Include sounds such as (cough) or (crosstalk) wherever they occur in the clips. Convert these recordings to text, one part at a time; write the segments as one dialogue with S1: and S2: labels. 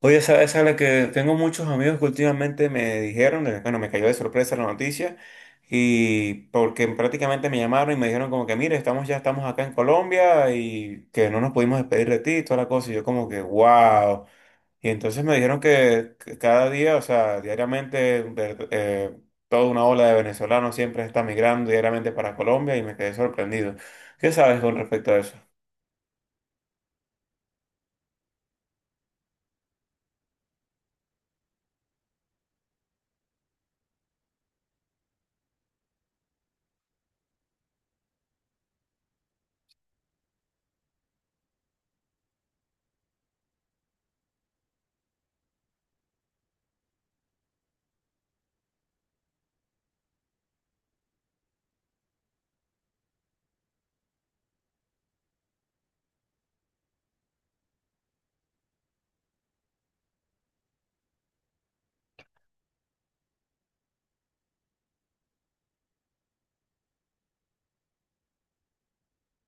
S1: Oye, sabes a la que tengo muchos amigos que últimamente me dijeron, bueno, me cayó de sorpresa la noticia, y porque prácticamente me llamaron y me dijeron como que, mire, estamos ya estamos acá en Colombia y que no nos pudimos despedir de ti y toda la cosa, y yo como que, wow. Y entonces me dijeron que cada día, o sea, diariamente, toda una ola de venezolanos siempre está migrando diariamente para Colombia y me quedé sorprendido. ¿Qué sabes con respecto a eso?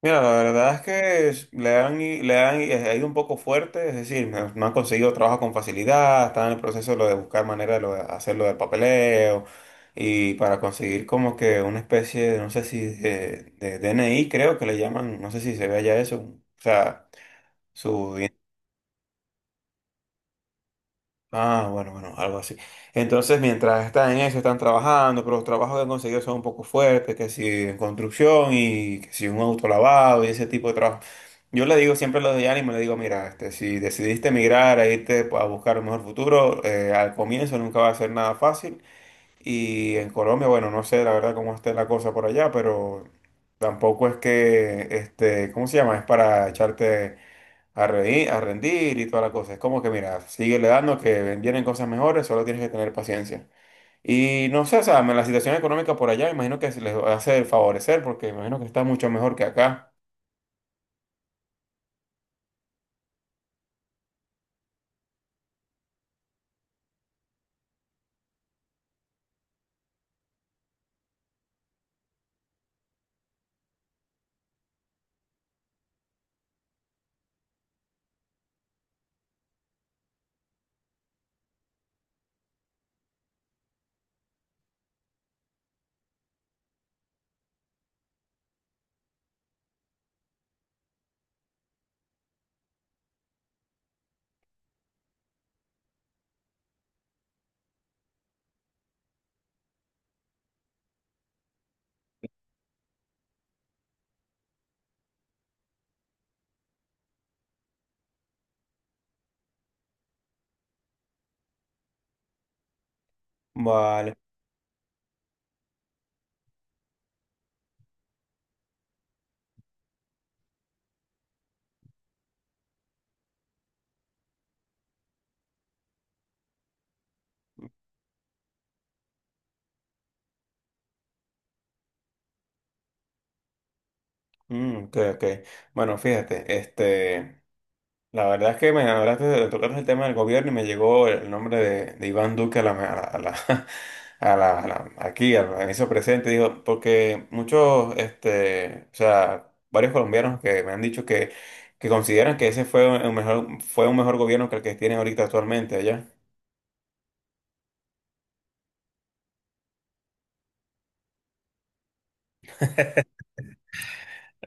S1: Mira, la verdad es que ha ido un poco fuerte, es decir, no, no han conseguido trabajo con facilidad, están en el proceso de, lo de buscar manera de, lo de hacer lo del papeleo y para conseguir como que una especie de, no sé si de DNI creo que le llaman, no sé si se ve allá eso, o sea, su. Ah, bueno, bueno, algo así. Entonces, mientras están en eso, están trabajando, pero los trabajos que han conseguido son un poco fuertes, que si en construcción y que si un auto lavado y ese tipo de trabajo. Yo le digo siempre a los de ánimo, le digo, mira, este, si decidiste emigrar a irte a buscar un mejor futuro, al comienzo nunca va a ser nada fácil. Y en Colombia, bueno, no sé la verdad cómo esté la cosa por allá, pero tampoco es que, este, ¿cómo se llama? Es para echarte a, a rendir y toda la cosa. Es como que, mira, sigue le dando que vienen cosas mejores, solo tienes que tener paciencia. Y no sé, o sea, la situación económica por allá, imagino que se les hace el favorecer, porque imagino que está mucho mejor que acá. Vale. Mm, ok, ok. Bueno, fíjate, este. La verdad es que me hablaste de el tema del gobierno y me llegó el nombre de Iván Duque a la, (laughs) aquí, al inicio presente, digo, porque muchos, este, o sea, varios colombianos que me han dicho que consideran que ese fue un mejor gobierno que el que tienen ahorita actualmente allá.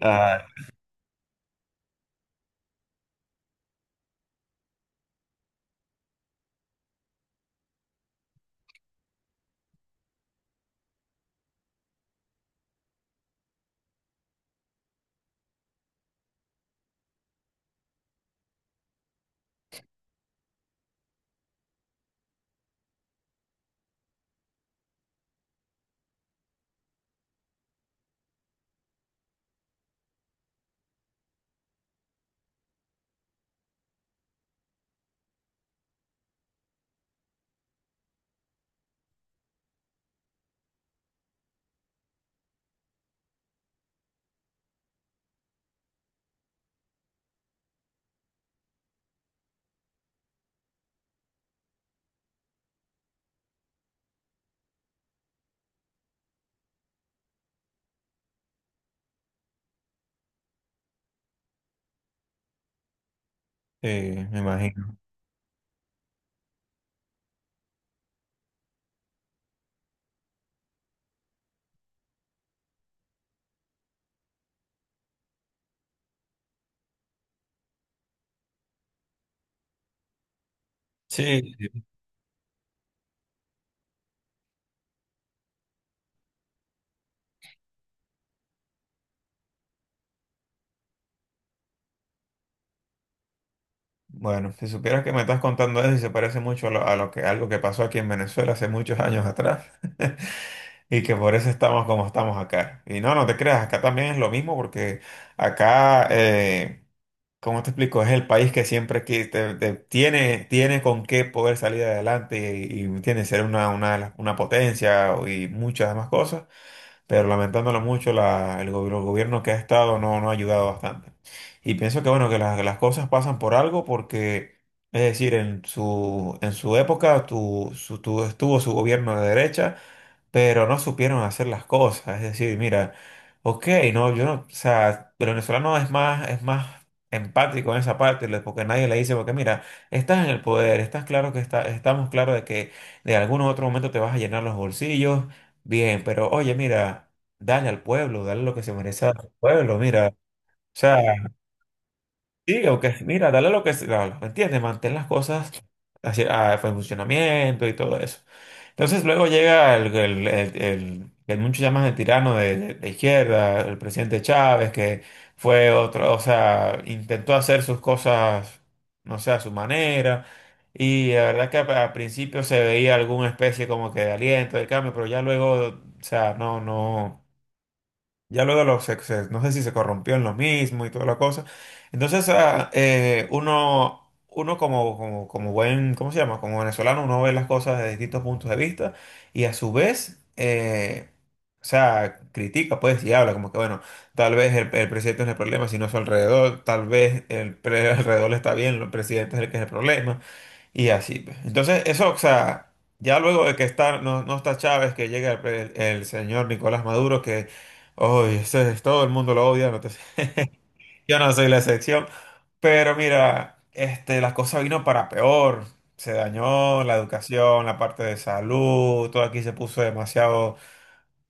S1: Ah, sí, me imagino. Sí, sí. Bueno, si supieras que me estás contando eso y se parece mucho a lo que algo que pasó aquí en Venezuela hace muchos años atrás. (laughs) Y que por eso estamos como estamos acá. Y no, no te creas, acá también es lo mismo porque acá, ¿cómo te explico? Es el país que siempre tiene, tiene con qué poder salir adelante y tiene que ser una potencia y muchas demás cosas, pero lamentándolo mucho, el gobierno que ha estado no, no ha ayudado bastante. Y pienso que bueno, que las cosas pasan por algo porque. Es decir, en su época estuvo su gobierno de derecha, pero no supieron hacer las cosas. Es decir, mira, ok, no, yo no, o sea, el venezolano es más empático en esa parte, le- porque nadie le dice, porque mira, estás en el poder, estás claro que está, estamos claros de que de algún otro momento te vas a llenar los bolsillos, bien, pero oye, mira, dale al pueblo, dale lo que se merece al pueblo, mira. O sea, sí, ok, mira, dale lo que se da, ¿me entiendes? Mantén las cosas así, a funcionamiento y todo eso. Entonces luego llega el que muchos llaman el tirano de izquierda, el presidente Chávez, que fue otro, o sea, intentó hacer sus cosas, no sé, a su manera. Y la verdad que al principio se veía alguna especie como que de aliento, de cambio, pero ya luego, o sea, no, no. Ya luego los excesos, no sé si se corrompió en lo mismo y toda la cosa. Entonces, uno, uno como, como, como buen, ¿cómo se llama? Como venezolano, uno ve las cosas de distintos puntos de vista y a su vez, o sea, critica, pues, y habla como que, bueno, tal vez el presidente no es el problema, sino su alrededor, tal vez (laughs) alrededor está bien, el presidente es el que es el problema, y así pues. Entonces, eso, o sea, ya luego de que está, no, no está Chávez, que llega el señor Nicolás Maduro, que. Uy, todo el mundo lo odia, (laughs) yo no soy la excepción. Pero mira, este, las cosas vino para peor. Se dañó la educación, la parte de salud, todo aquí se puso demasiado.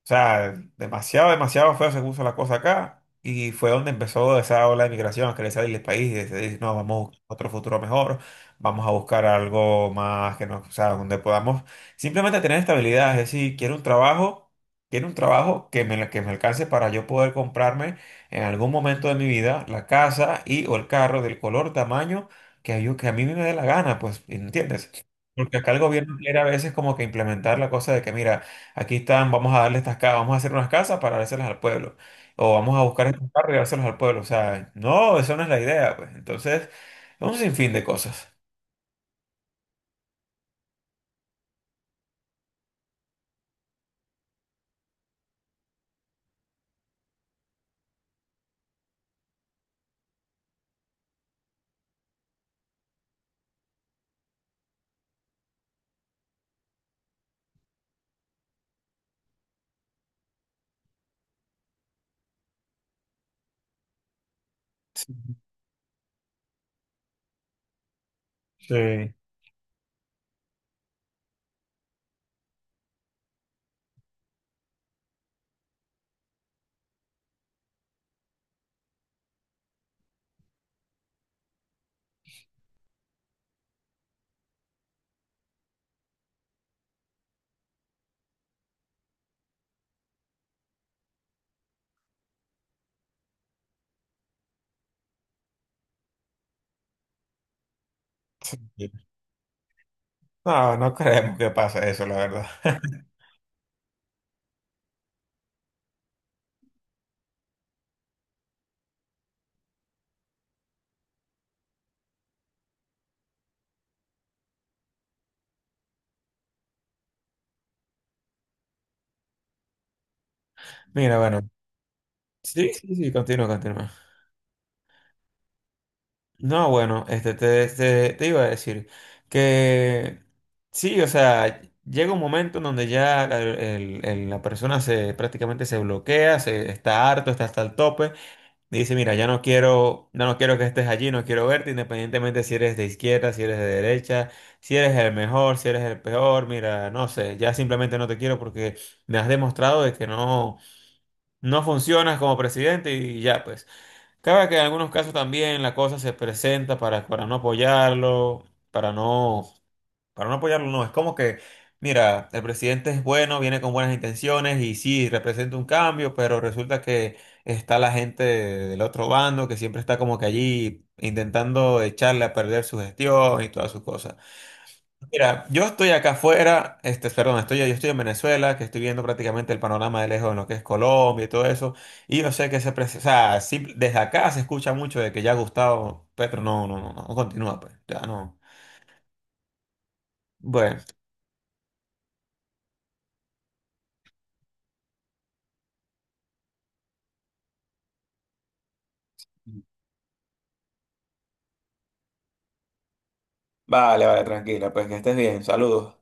S1: O sea, demasiado, demasiado feo se puso la cosa acá y fue donde empezó esa ola de migración, a querer salir del país y decidir, no, vamos a buscar otro futuro mejor, vamos a buscar algo más que nos, o sea, donde podamos simplemente tener estabilidad, es decir, quiero un trabajo que me alcance para yo poder comprarme en algún momento de mi vida la casa y o el carro del color, tamaño que, yo, que a mí me dé la gana, pues, ¿entiendes? Porque acá el gobierno quiere a veces como que implementar la cosa de que, mira, aquí están, vamos a darle estas casas, vamos a hacer unas casas para dárselas al pueblo. O vamos a buscar estos carros y dárselos al pueblo. O sea, no, eso no es la idea, pues. Entonces, un sinfín de cosas. Sí. No, no creemos que pase eso, la verdad. (laughs) Mira, bueno. Sí, sí, sí, continúa, continúa. No, bueno, este, te iba a decir que sí, o sea, llega un momento en donde ya la, la persona se prácticamente se bloquea, se está harto, está hasta el tope. Dice, mira, ya no quiero que estés allí, no quiero verte, independientemente si eres de izquierda, si eres de derecha, si eres el mejor, si eres el peor, mira, no sé, ya simplemente no te quiero porque me has demostrado de que no, no funcionas como presidente y ya pues. Cabe que en algunos casos también la cosa se presenta para no apoyarlo, para no, para no apoyarlo, no, es como que, mira, el presidente es bueno, viene con buenas intenciones y sí, representa un cambio, pero resulta que está la gente del otro bando que siempre está como que allí intentando echarle a perder su gestión y todas sus cosas. Mira, yo estoy acá afuera, este, perdón, estoy, yo estoy en Venezuela, que estoy viendo prácticamente el panorama de lejos en lo que es Colombia y todo eso, y yo sé que se, desde acá se escucha mucho de que ya Gustavo Petro no, no, no, no continúa, pues, ya no. Bueno. Vale, vale, tranquila, pues que estés bien. Saludos.